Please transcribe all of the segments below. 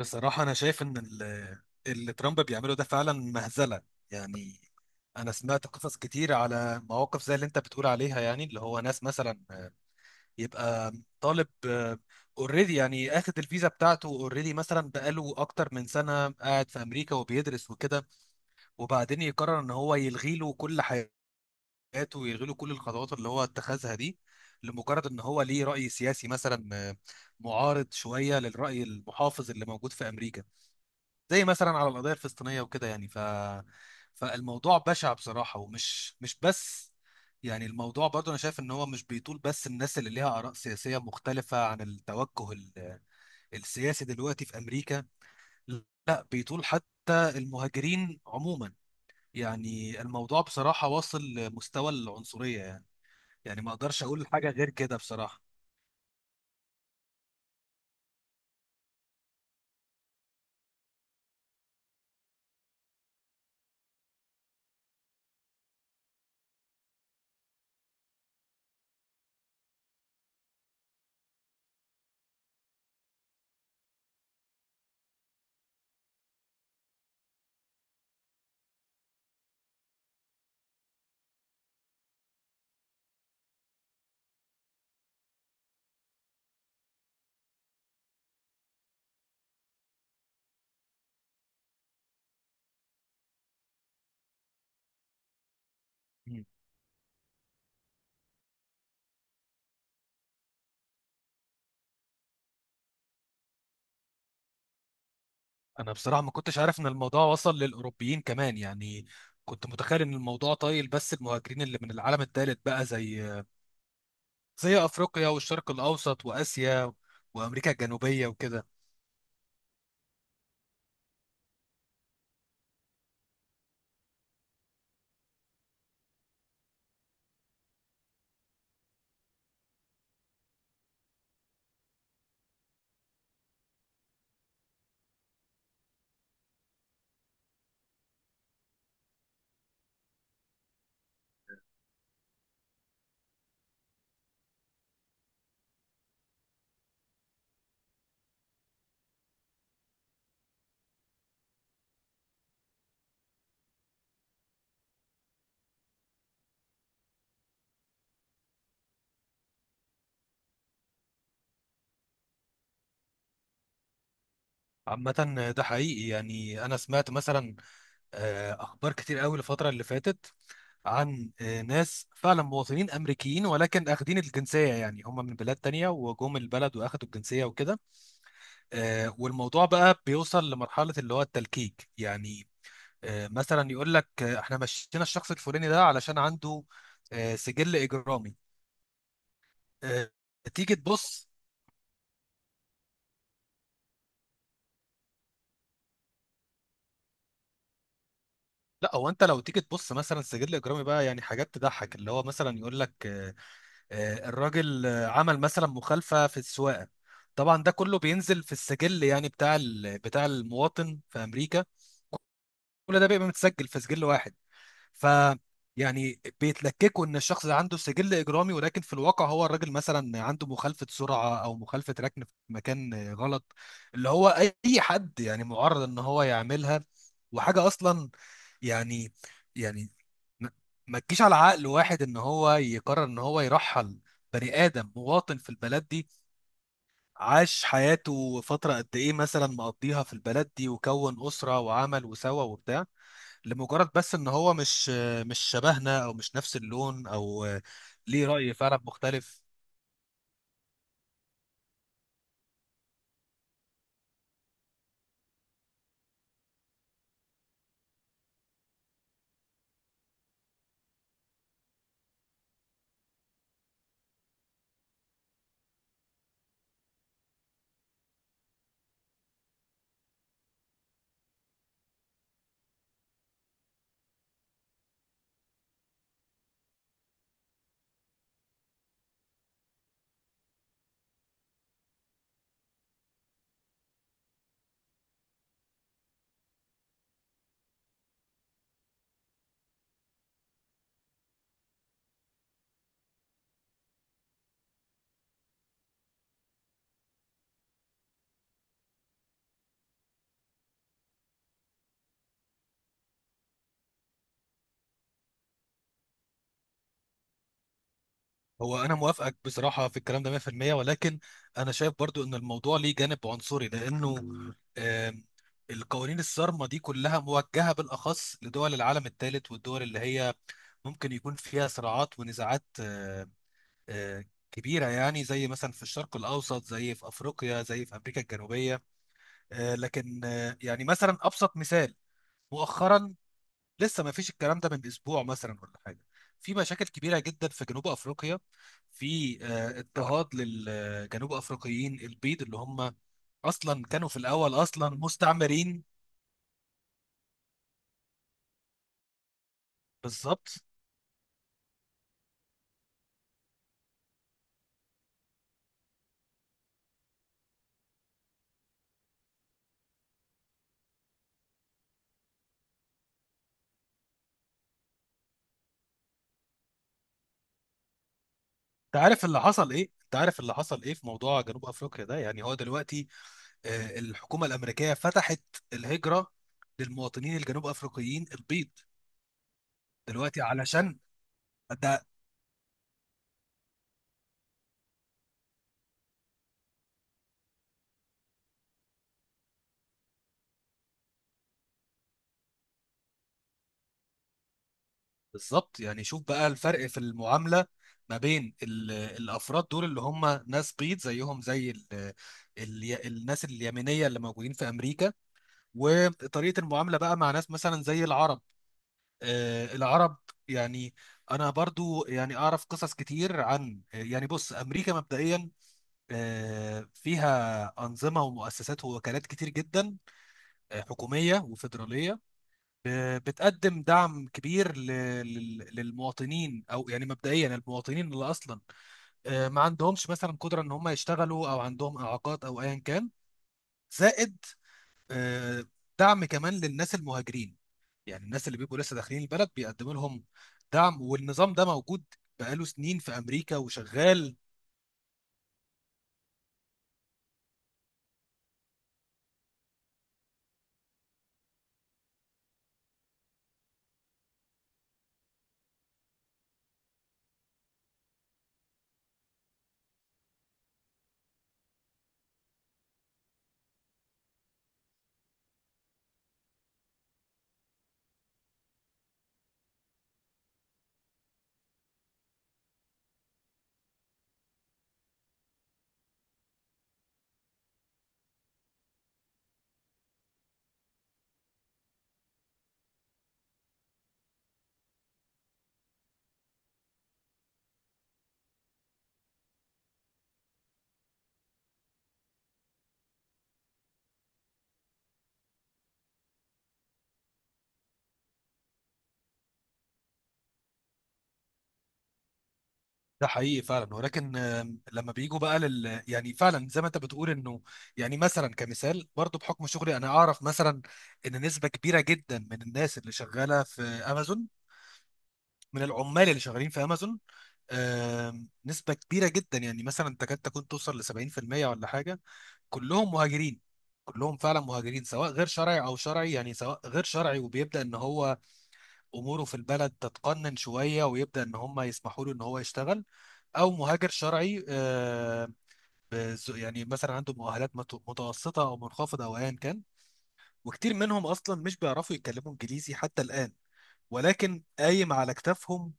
بصراحة أنا شايف إن اللي ترامب بيعمله ده فعلا مهزلة. يعني أنا سمعت قصص كتير على مواقف زي اللي أنت بتقول عليها، يعني اللي هو ناس مثلا يبقى طالب اوريدي، يعني اخد الفيزا بتاعته اوريدي مثلا، بقاله أكتر من سنة قاعد في أمريكا وبيدرس وكده، وبعدين يقرر إن هو يلغي له كل حياته ويلغي له كل الخطوات اللي هو اتخذها دي، لمجرد إن هو ليه رأي سياسي مثلا معارض شوية للرأي المحافظ اللي موجود في أمريكا، زي مثلا على القضية الفلسطينية وكده. يعني فالموضوع بشع بصراحة، ومش مش بس، يعني الموضوع برضه انا شايف ان هو مش بيطول بس الناس اللي ليها آراء سياسية مختلفة عن التوجه السياسي دلوقتي في امريكا، لا بيطول حتى المهاجرين عموما. يعني الموضوع بصراحة واصل لمستوى العنصرية، يعني يعني ما اقدرش اقول حاجة غير كده بصراحة. انا بصراحه ما كنتش عارف ان الموضوع وصل للاوروبيين كمان. يعني كنت متخيل ان الموضوع طايل بس المهاجرين اللي من العالم الثالث بقى، زي افريقيا والشرق الاوسط واسيا وامريكا الجنوبيه وكده. عامه ده حقيقي. يعني انا سمعت مثلا اخبار كتير قوي الفتره اللي فاتت، عن ناس فعلا مواطنين امريكيين ولكن اخدين الجنسيه، يعني هم من بلاد تانية وجم البلد واخدوا الجنسيه وكده. والموضوع بقى بيوصل لمرحله اللي هو التلكيك، يعني مثلا يقول لك احنا مشينا الشخص الفلاني ده علشان عنده سجل اجرامي. آه، تيجي تبص. لا، هو انت لو تيجي تبص مثلا سجل اجرامي بقى يعني حاجات تضحك، اللي هو مثلا يقول لك الراجل عمل مثلا مخالفة في السواقة. طبعا ده كله بينزل في السجل يعني بتاع المواطن في امريكا، كل ده بيبقى متسجل في سجل واحد. ف يعني بيتلككوا ان الشخص ده عنده سجل اجرامي، ولكن في الواقع هو الراجل مثلا عنده مخالفه سرعه او مخالفه ركن في مكان غلط، اللي هو اي حد يعني معرض ان هو يعملها، وحاجه اصلا يعني يعني ما ما تجيش على عقل واحد ان هو يقرر ان هو يرحل بني ادم مواطن في البلد دي، عاش حياته فتره قد ايه مثلا مقضيها في البلد دي وكون اسره وعمل وسوى وبتاع، لمجرد بس ان هو مش شبهنا او مش نفس اللون، او ليه رأي فعلا مختلف. هو انا موافقك بصراحة في الكلام ده 100%، ولكن انا شايف برضو ان الموضوع ليه جانب عنصري، لانه آم، القوانين الصارمة دي كلها موجهة بالاخص لدول العالم الثالث، والدول اللي هي ممكن يكون فيها صراعات ونزاعات آه، كبيرة، يعني زي مثلا في الشرق الأوسط، زي في أفريقيا، زي في أمريكا الجنوبية. لكن يعني مثلا أبسط مثال مؤخرا، لسه ما فيش الكلام ده من اسبوع مثلا ولا حاجه، في مشاكل كبيره جدا في جنوب افريقيا، في اضطهاد للجنوب افريقيين البيض، اللي هم اصلا كانوا في الاول اصلا مستعمرين. بالظبط. انت عارف اللي حصل ايه في موضوع جنوب افريقيا ده؟ يعني هو دلوقتي الحكومه الامريكيه فتحت الهجره للمواطنين الجنوب افريقيين البيض دلوقتي علشان ده. بالظبط، يعني شوف بقى الفرق في المعاملة ما بين الأفراد دول اللي هم ناس بيض زيهم زي ال ال الناس اليمينية اللي موجودين في أمريكا، وطريقة المعاملة بقى مع ناس مثلا زي العرب، العرب. يعني أنا برضو يعني أعرف قصص كتير. عن يعني بص، أمريكا مبدئيا فيها أنظمة ومؤسسات ووكالات كتير جدا حكومية وفيدرالية، بتقدم دعم كبير للمواطنين، او يعني مبدئيا المواطنين اللي اصلا ما عندهمش مثلا قدره ان هم يشتغلوا او عندهم اعاقات او ايا كان، زائد آه، دعم كمان للناس المهاجرين. يعني الناس اللي بيبقوا لسه داخلين البلد بيقدموا لهم دعم، والنظام ده موجود بقاله سنين في امريكا وشغال. ده حقيقي فعلا، ولكن لما بيجوا بقى يعني، فعلا زي ما انت بتقول انه، يعني مثلا كمثال برضو بحكم شغلي انا اعرف مثلا ان نسبة كبيرة جدا من الناس اللي شغالة في امازون، من العمال اللي شغالين في امازون، نسبة كبيرة جدا، يعني مثلا تكاد تكون توصل ل 70% ولا حاجة، كلهم مهاجرين. كلهم فعلا مهاجرين، سواء غير شرعي او شرعي، يعني سواء غير شرعي وبيبدأ ان هو اموره في البلد تتقنن شوية ويبدأ ان هم يسمحوا له ان هو يشتغل، او مهاجر شرعي يعني مثلا عنده مؤهلات متوسطه او منخفضه او ايا كان، وكتير منهم اصلا مش بيعرفوا يتكلموا انجليزي حتى الان، ولكن قايم على كتافهم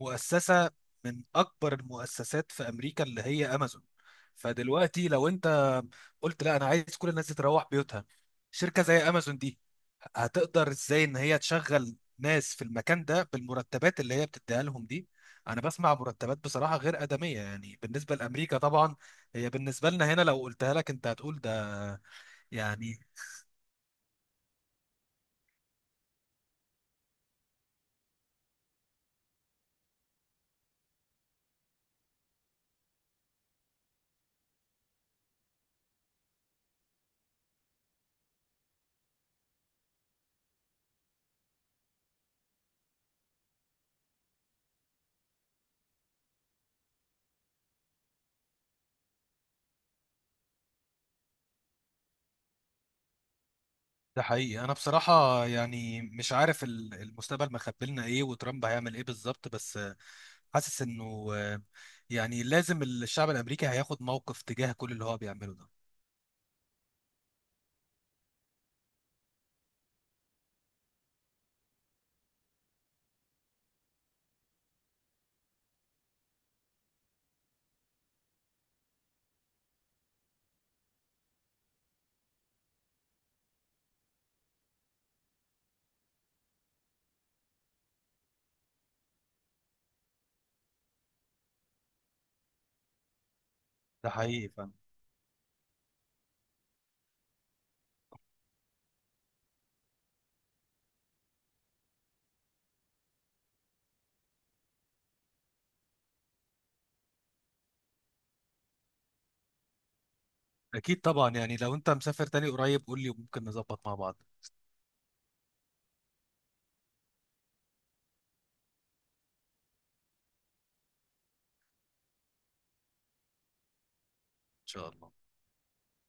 مؤسسه من اكبر المؤسسات في امريكا اللي هي امازون. فدلوقتي لو انت قلت لا انا عايز كل الناس دي تروح بيوتها، شركه زي امازون دي هتقدر ازاي ان هي تشغل ناس في المكان ده بالمرتبات اللي هي بتديها لهم دي؟ انا بسمع مرتبات بصراحه غير ادميه يعني بالنسبه لامريكا طبعا، هي بالنسبه لنا هنا لو قلتها لك انت هتقول ده يعني. ده حقيقي. انا بصراحه يعني مش عارف المستقبل مخبي لنا ايه وترامب هيعمل ايه بالظبط، بس حاسس انه يعني لازم الشعب الامريكي هياخد موقف تجاه كل اللي هو بيعمله ده. ده حقيقي، فاهم. اكيد طبعا، يعني لو انت مسافر تاني قريب قول لي، وممكن نظبط مع بعض. ان شاء الله.